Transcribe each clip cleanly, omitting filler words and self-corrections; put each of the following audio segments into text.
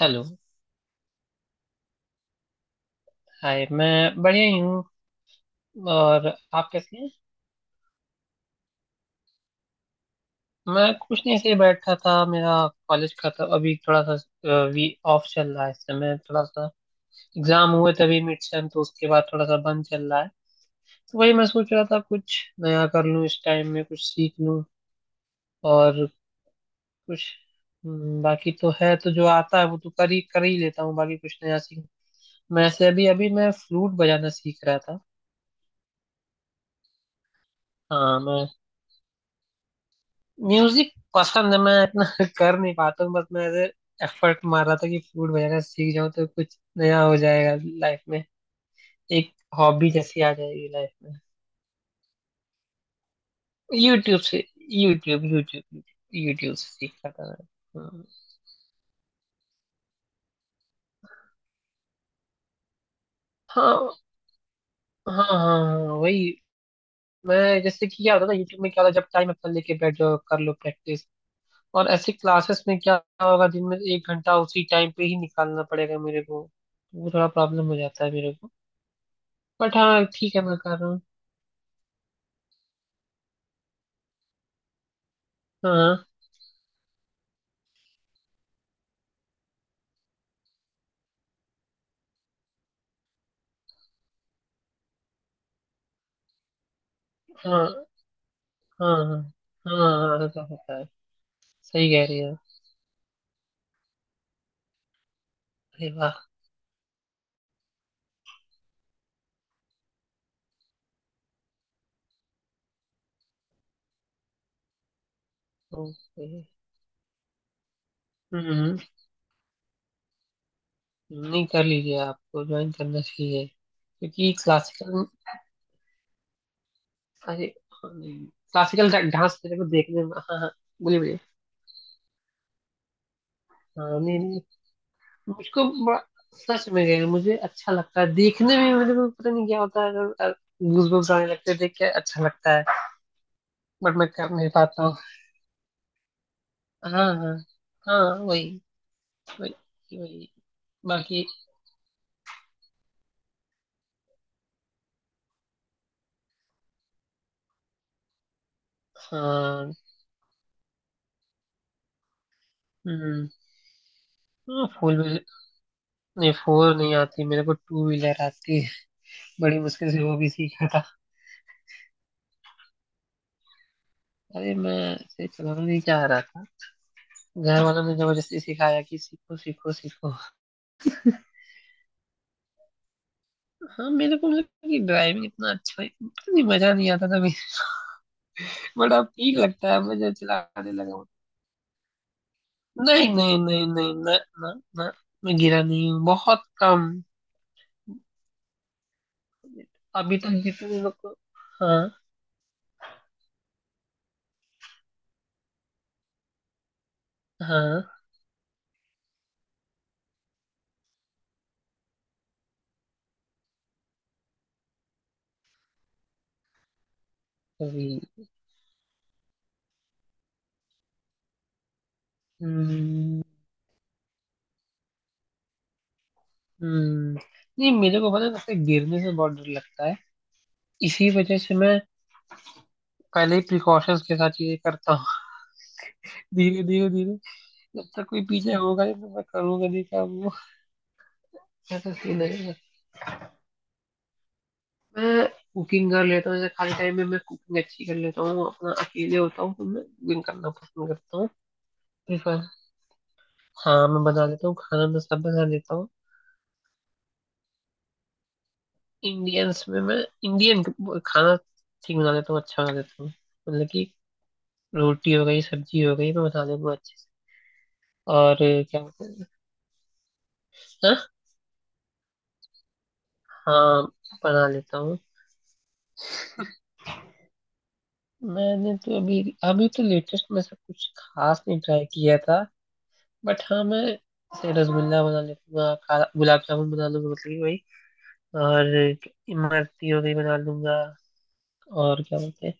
Hello. Hi, मैं बढ़िया ही हूँ। और आप कैसे हैं? मैं कुछ नहीं, ऐसे ही बैठा था। मेरा कॉलेज का तो अभी थोड़ा सा वी ऑफ चल रहा है इस समय। थोड़ा सा एग्जाम हुए तभी, मिड सेम, तो उसके बाद थोड़ा सा बंद चल रहा है। तो वही मैं सोच रहा था कुछ नया कर लूँ इस टाइम में, कुछ सीख लूँ। और कुछ बाकी तो है तो जो आता है वो तो कर ही लेता हूँ, बाकी कुछ नया सीख। मैं ऐसे अभी अभी मैं फ्लूट बजाना सीख रहा था। हाँ, मैं म्यूजिक पसंद है, मैं इतना कर नहीं पाता हूँ। बस मैं ऐसे एफर्ट मार रहा था कि फ्लूट बजाना सीख जाऊँ तो कुछ नया हो जाएगा लाइफ में, एक हॉबी जैसी आ जाएगी लाइफ में। यूट्यूब से। YouTube YouTube. यूट्यूब से सीखा था मैं। हाँ हाँ हाँ हाँ, हाँ, वही। मैं जैसे, कि क्या होता था यूट्यूब में, क्या होता जब टाइम अपना लेके बैठ जाओ कर लो प्रैक्टिस। और ऐसे क्लासेस में क्या होगा, जिनमें एक घंटा उसी टाइम पे ही निकालना पड़ेगा मेरे को, वो थोड़ा प्रॉब्लम हो जाता है मेरे को। बट हाँ, ठीक है, मैं कर रहा हूँ। हाँ हाँ हाँ हाँ। हाँ, ऐसा होता है। सही कह रही है। अरे वाह। ओके। हम्म। नहीं, कर लीजिए, आपको ज्वाइन करना चाहिए क्योंकि क्लासिकल। अरे हाँ, नहीं, क्लासिकल डांस मेरे को देखने में, हाँ हाँ। बोलिए बोलिए। हाँ नहीं नहीं। मुझको बड़ा सच में गए, मुझे अच्छा लगता है देखने में, मुझे को पता नहीं क्या होता है, अगर गूजबम्स आने लगते हैं देख के, अच्छा लगता है। बट मैं कर नहीं पाता हूँ। हाँ हाँ। हाँ, वही वही वही। बाकी। हाँ। हम्म। हाँ, फोर व्हीलर नहीं, फोर नहीं आती मेरे को, टू व्हीलर आती है। बड़ी मुश्किल से वो भी सीखा था। अरे मैं ऐसे चलाना नहीं चाह रहा था, घर वालों ने जबरदस्ती सिखाया कि सीखो सीखो सीखो। हाँ, मेरे को मतलब कि ड्राइविंग इतना अच्छा पता नहीं, मजा नहीं आता था। बट अब ठीक लगता है, मैं जब चलाने लगा हूँ। नहीं नहीं नहीं नहीं, ना ना ना। मैं गिरा नहीं हूँ, बहुत कम। अभी तक जितने लोग को। हाँ हाँ। कभी। हम्म, हम्म नहीं, मेरे को पता है सबसे गिरने से बहुत डर लगता है। इसी वजह से मैं पहले ही प्रिकॉशंस के साथ चीजें करता हूँ। धीरे धीरे धीरे, जब तक कोई पीछे होगा ही तो मैं करूंगा नहीं काम वो। ऐसा सीन है, मैं कुकिंग कर लेता हूँ। जैसे खाली टाइम में मैं कुकिंग अच्छी कर लेता हूँ, अपना अकेले होता हूँ तो मैं कुकिंग करना पसंद करता हूँ। प्रिफर। हाँ, मैं बना लेता हूँ खाना, मैं सब बना लेता हूँ। इंडियंस में मैं, इंडियन खाना ठीक बना लेता हूँ, अच्छा बना लेता हूँ। मतलब कि रोटी हो गई, सब्जी हो गई, मैं बता दूंगा अच्छे से। और क्या बोलते हैं? हाँ हाँ, बना लेता हूँ। मैंने तो अभी अभी तो लेटेस्ट में सब कुछ खास नहीं ट्राई किया था। बट हाँ, मैं जैसे रसगुल्ला बना लेता, काला गुलाब जामुन बना लूंगा, मतलब कि वही। और इमरती हो गई बना लूंगा। और क्या बोलते हैं?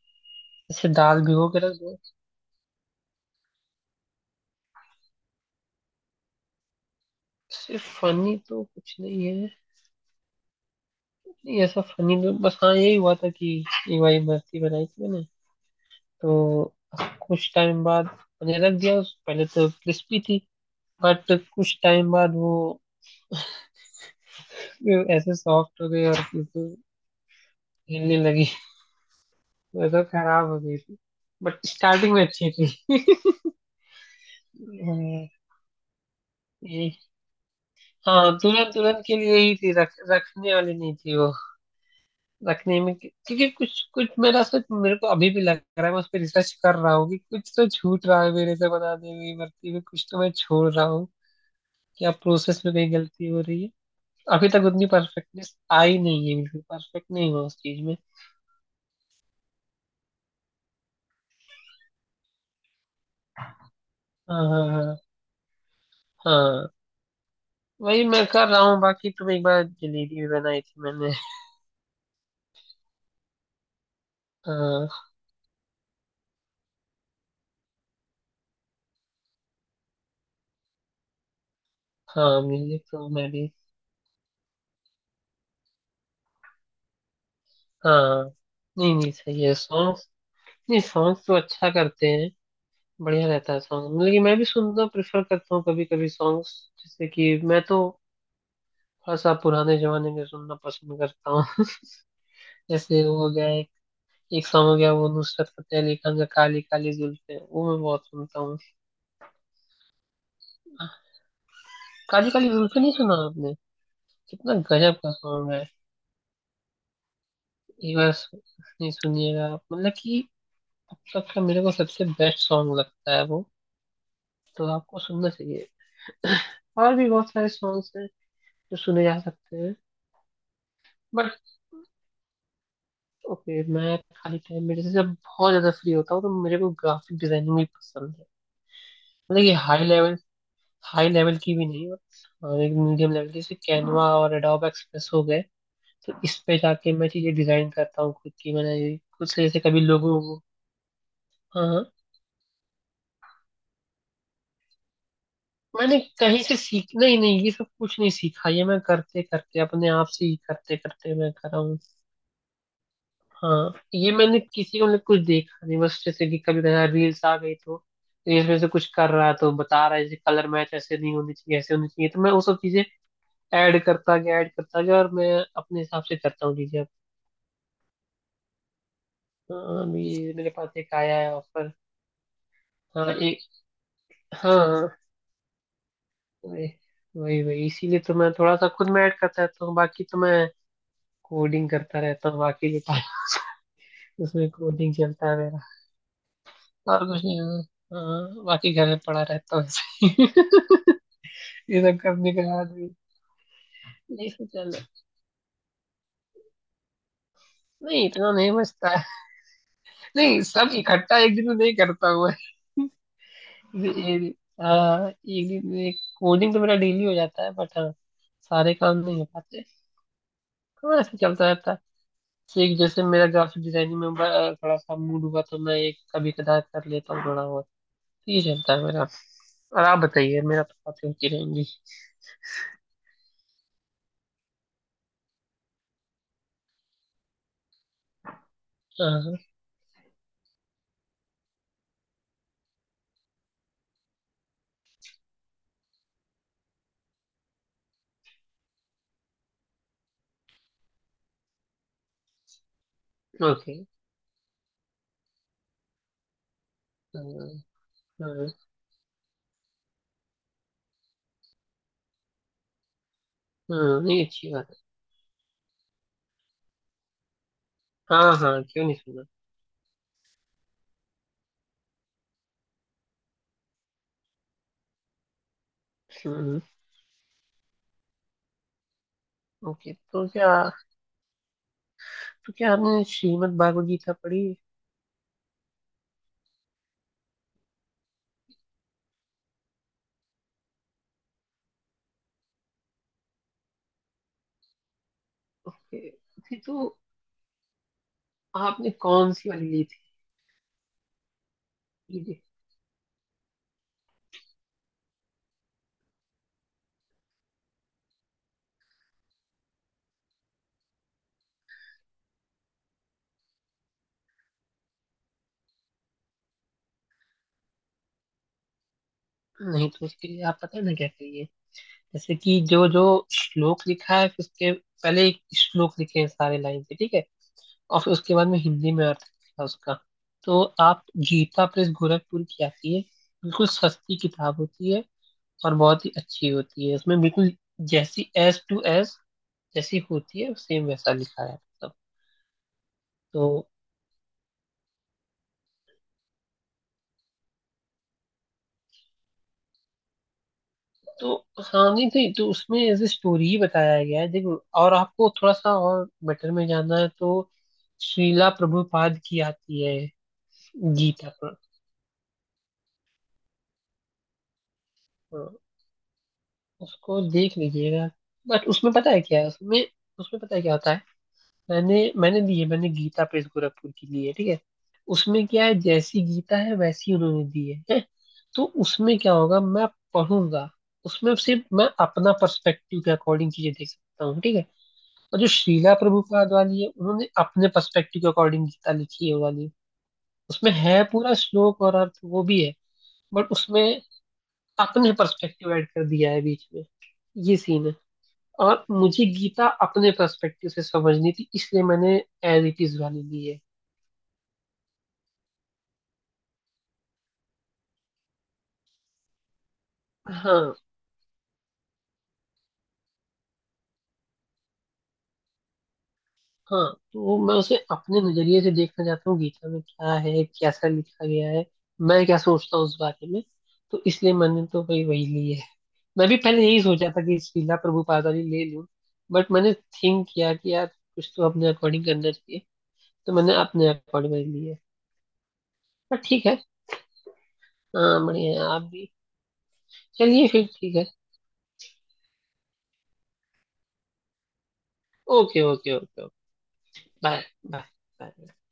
जैसे दाल भिगो के रख दो। सिर्फ फनी तो कुछ नहीं है। नहीं, ऐसा फनी तो बस हाँ यही हुआ था कि एक बार इमरती बनाई थी मैंने। तो कुछ टाइम बाद मैंने रख दिया उस-, पहले तो क्रिस्पी थी। बट कुछ टाइम बाद वो ऐसे सॉफ्ट हो गई और फिर तो हिलने लगी। वो तो खराब हो गई थी। बट स्टार्टिंग में अच्छी थी। हम्म, ये-, हाँ, दुल्हन दुल्हन के लिए ही थी, रखने वाली नहीं थी वो। रखने में क्योंकि कुछ कुछ मेरा सच मेरे को अभी भी लग रहा है मैं उस पर रिसर्च कर रहा हूँ कि कुछ तो छूट रहा है मेरे से बनाने में, भर्ती में कुछ तो मैं छोड़ रहा हूँ, क्या प्रोसेस में कहीं गलती हो रही है। अभी तक उतनी परफेक्टनेस आई नहीं है, बिल्कुल परफेक्ट नहीं हुआ उस चीज में। हाँ हाँ हाँ, हाँ वही मैं कर रहा हूँ। बाकी तुम, एक बार जलेबी भी बनाई थी मैंने। हाँ, हाँ म्यूजिक तो मैं भी। हाँ, नहीं नहीं, सही है सॉन्ग्स, नहीं सॉन्ग्स तो अच्छा करते हैं, बढ़िया रहता है सॉन्ग। मतलब कि मैं भी सुनना प्रेफर करता हूँ कभी कभी सॉन्ग्स। जैसे कि मैं तो थोड़ा सा पुराने जमाने में सुनना पसंद करता हूँ। जैसे वो हो गया एक सॉन्ग हो गया वो नुसरत फतेह अली खान का, काली काली जुल्फें, वो मैं बहुत सुनता हूँ। काली काली जुल्फें नहीं सुना आपने? कितना गजब का सॉन्ग है। एक बार सु-, नहीं सुनिएगा आप, मतलब कि अब तक का मेरे को सबसे बेस्ट सॉन्ग लगता है वो, तो आपको सुनना चाहिए। और भी बहुत सारे सॉन्ग्स हैं जो सुने जा सकते हैं। बट ओके, मैं खाली टाइम में जैसे जब बहुत ज्यादा फ्री होता हूँ तो मेरे को ग्राफिक डिजाइनिंग भी पसंद है। मतलब ये हाई लेवल, हाई लेवल की भी नहीं। और एक मीडियम लेवल की, जैसे कैनवा और एडोब एक्सप्रेस हो गए, तो इस पे जाके मैं चीजें डिजाइन करता हूँ खुद की। मैंने ये खुद से, जैसे कभी लोगों को, हाँ मैंने कहीं से सीखना ही नहीं, ये सब कुछ नहीं सीखा, ये मैं करते करते अपने आप से ही करते करते मैं करा हूँ। हाँ, ये मैंने किसी को ने कुछ देखा नहीं, बस जैसे कि कभी कभी रील्स आ गई तो रील्स में से कुछ कर रहा है तो बता रहा है, जैसे कलर मैच ऐसे नहीं होनी चाहिए, ऐसे होनी चाहिए, तो मैं वो सब चीजें ऐड करता गया और मैं अपने हिसाब से करता हूँ चीजें अब। हाँ, अभी मेरे पास एक आया है ऑफर। हाँ एक। हाँ हाँ, वही। वही, इसीलिए तो मैं थोड़ा सा खुद में ऐड करता रहता हूँ। बाकी तो मैं कोडिंग करता रहता हूँ, बाकी जो टाइम, उसमें कोडिंग चलता है मेरा। और कुछ नहीं होता। हाँ, बाकी घर में पड़ा रहता हूँ ऐसे ही। ये सब करने के बाद भी। नहीं सोचा लो, नहीं इतना नहीं बचता है, नहीं सब इकट्ठा एक दिन में नहीं करता हुआ। हाँ, एक दिन में कोडिंग तो मेरा डेली हो जाता है, बट हाँ सारे काम नहीं हो पाते। हाँ, ऐसे चलता रहता है। एक जैसे मेरा ग्राफिक डिजाइनिंग में ब-, थोड़ा सा मूड हुआ तो मैं एक कभी कदार कर लेता हूँ थोड़ा बहुत, ये चलता है मेरा। और आप बताइए, मेरा तो बातें होती रहेंगी। हाँ हाँ। ओके। हाँ हाँ, हाँ, नहीं अच्छी बात है, हाँ हाँ, क्यों नहीं सुना। हम्म, ओके। तो क्या आपने श्रीमद् भागवत गीता पढ़ी? ओके, फिर तो आपने कौन सी वाली ली थी? ये-, नहीं तो उसके लिए आप पता है ना क्या करिए, जैसे कि जो जो श्लोक लिखा है, फिर उसके पहले एक श्लोक लिखे हैं सारे लाइन से, ठीक है, और फिर उसके बाद में हिंदी में अर्थ था उसका। तो आप, गीता प्रेस गोरखपुर की आती है, बिल्कुल सस्ती किताब होती है, और बहुत ही अच्छी होती है। उसमें बिल्कुल जैसी एस टू एस जैसी होती है, सेम वैसा लिखा है सब। तो तो हाँ, नहीं नहीं, तो उसमें एज ए स्टोरी ही बताया गया है देखो। और आपको थोड़ा सा और बेटर में जाना है तो श्रीला प्रभुपाद की आती है गीता पर। हाँ, उसको देख लीजिएगा। बट उसमें पता है क्या है, उसमें उसमें पता है क्या होता है, मैंने मैंने दी है, मैंने गीता प्रेस गोरखपुर की ली है, ठीक है। उसमें क्या है, जैसी गीता है वैसी उन्होंने दी है, है? तो उसमें क्या होगा, मैं पढ़ूंगा, उसमें सिर्फ मैं अपना पर्सपेक्टिव के अकॉर्डिंग चीजें देख सकता हूँ, ठीक है। और जो श्रीला प्रभुपाद वाली है, उन्होंने अपने पर्सपेक्टिव के अकॉर्डिंग गीता लिखी है वो वाली, उसमें है पूरा श्लोक और अर्थ वो भी है, बट उसमें अपने पर्सपेक्टिव ऐड कर दिया है बीच में, ये सीन है। और मुझे गीता अपने पर्सपेक्टिव से समझनी थी, इसलिए मैंने एज इट इज वाली ली है। हाँ हाँ, तो मैं उसे अपने नजरिए से देखना चाहता हूँ, गीता में क्या है, कैसा लिखा गया है, मैं क्या सोचता हूँ उस बारे में, तो इसलिए मैंने तो भाई वही ली है। मैं भी पहले यही सोचा था कि श्रीला प्रभुपादानी ले लूँ, बट मैंने थिंक किया कि यार कुछ तो अपने अकॉर्डिंग करना चाहिए, तो मैंने अपने अकॉर्डिंग वाली ली है। पर ठीक है। हाँ बढ़िया है आप भी। चलिए फिर ठीक है। Okay okay okay okay, bye. Bye. Bye.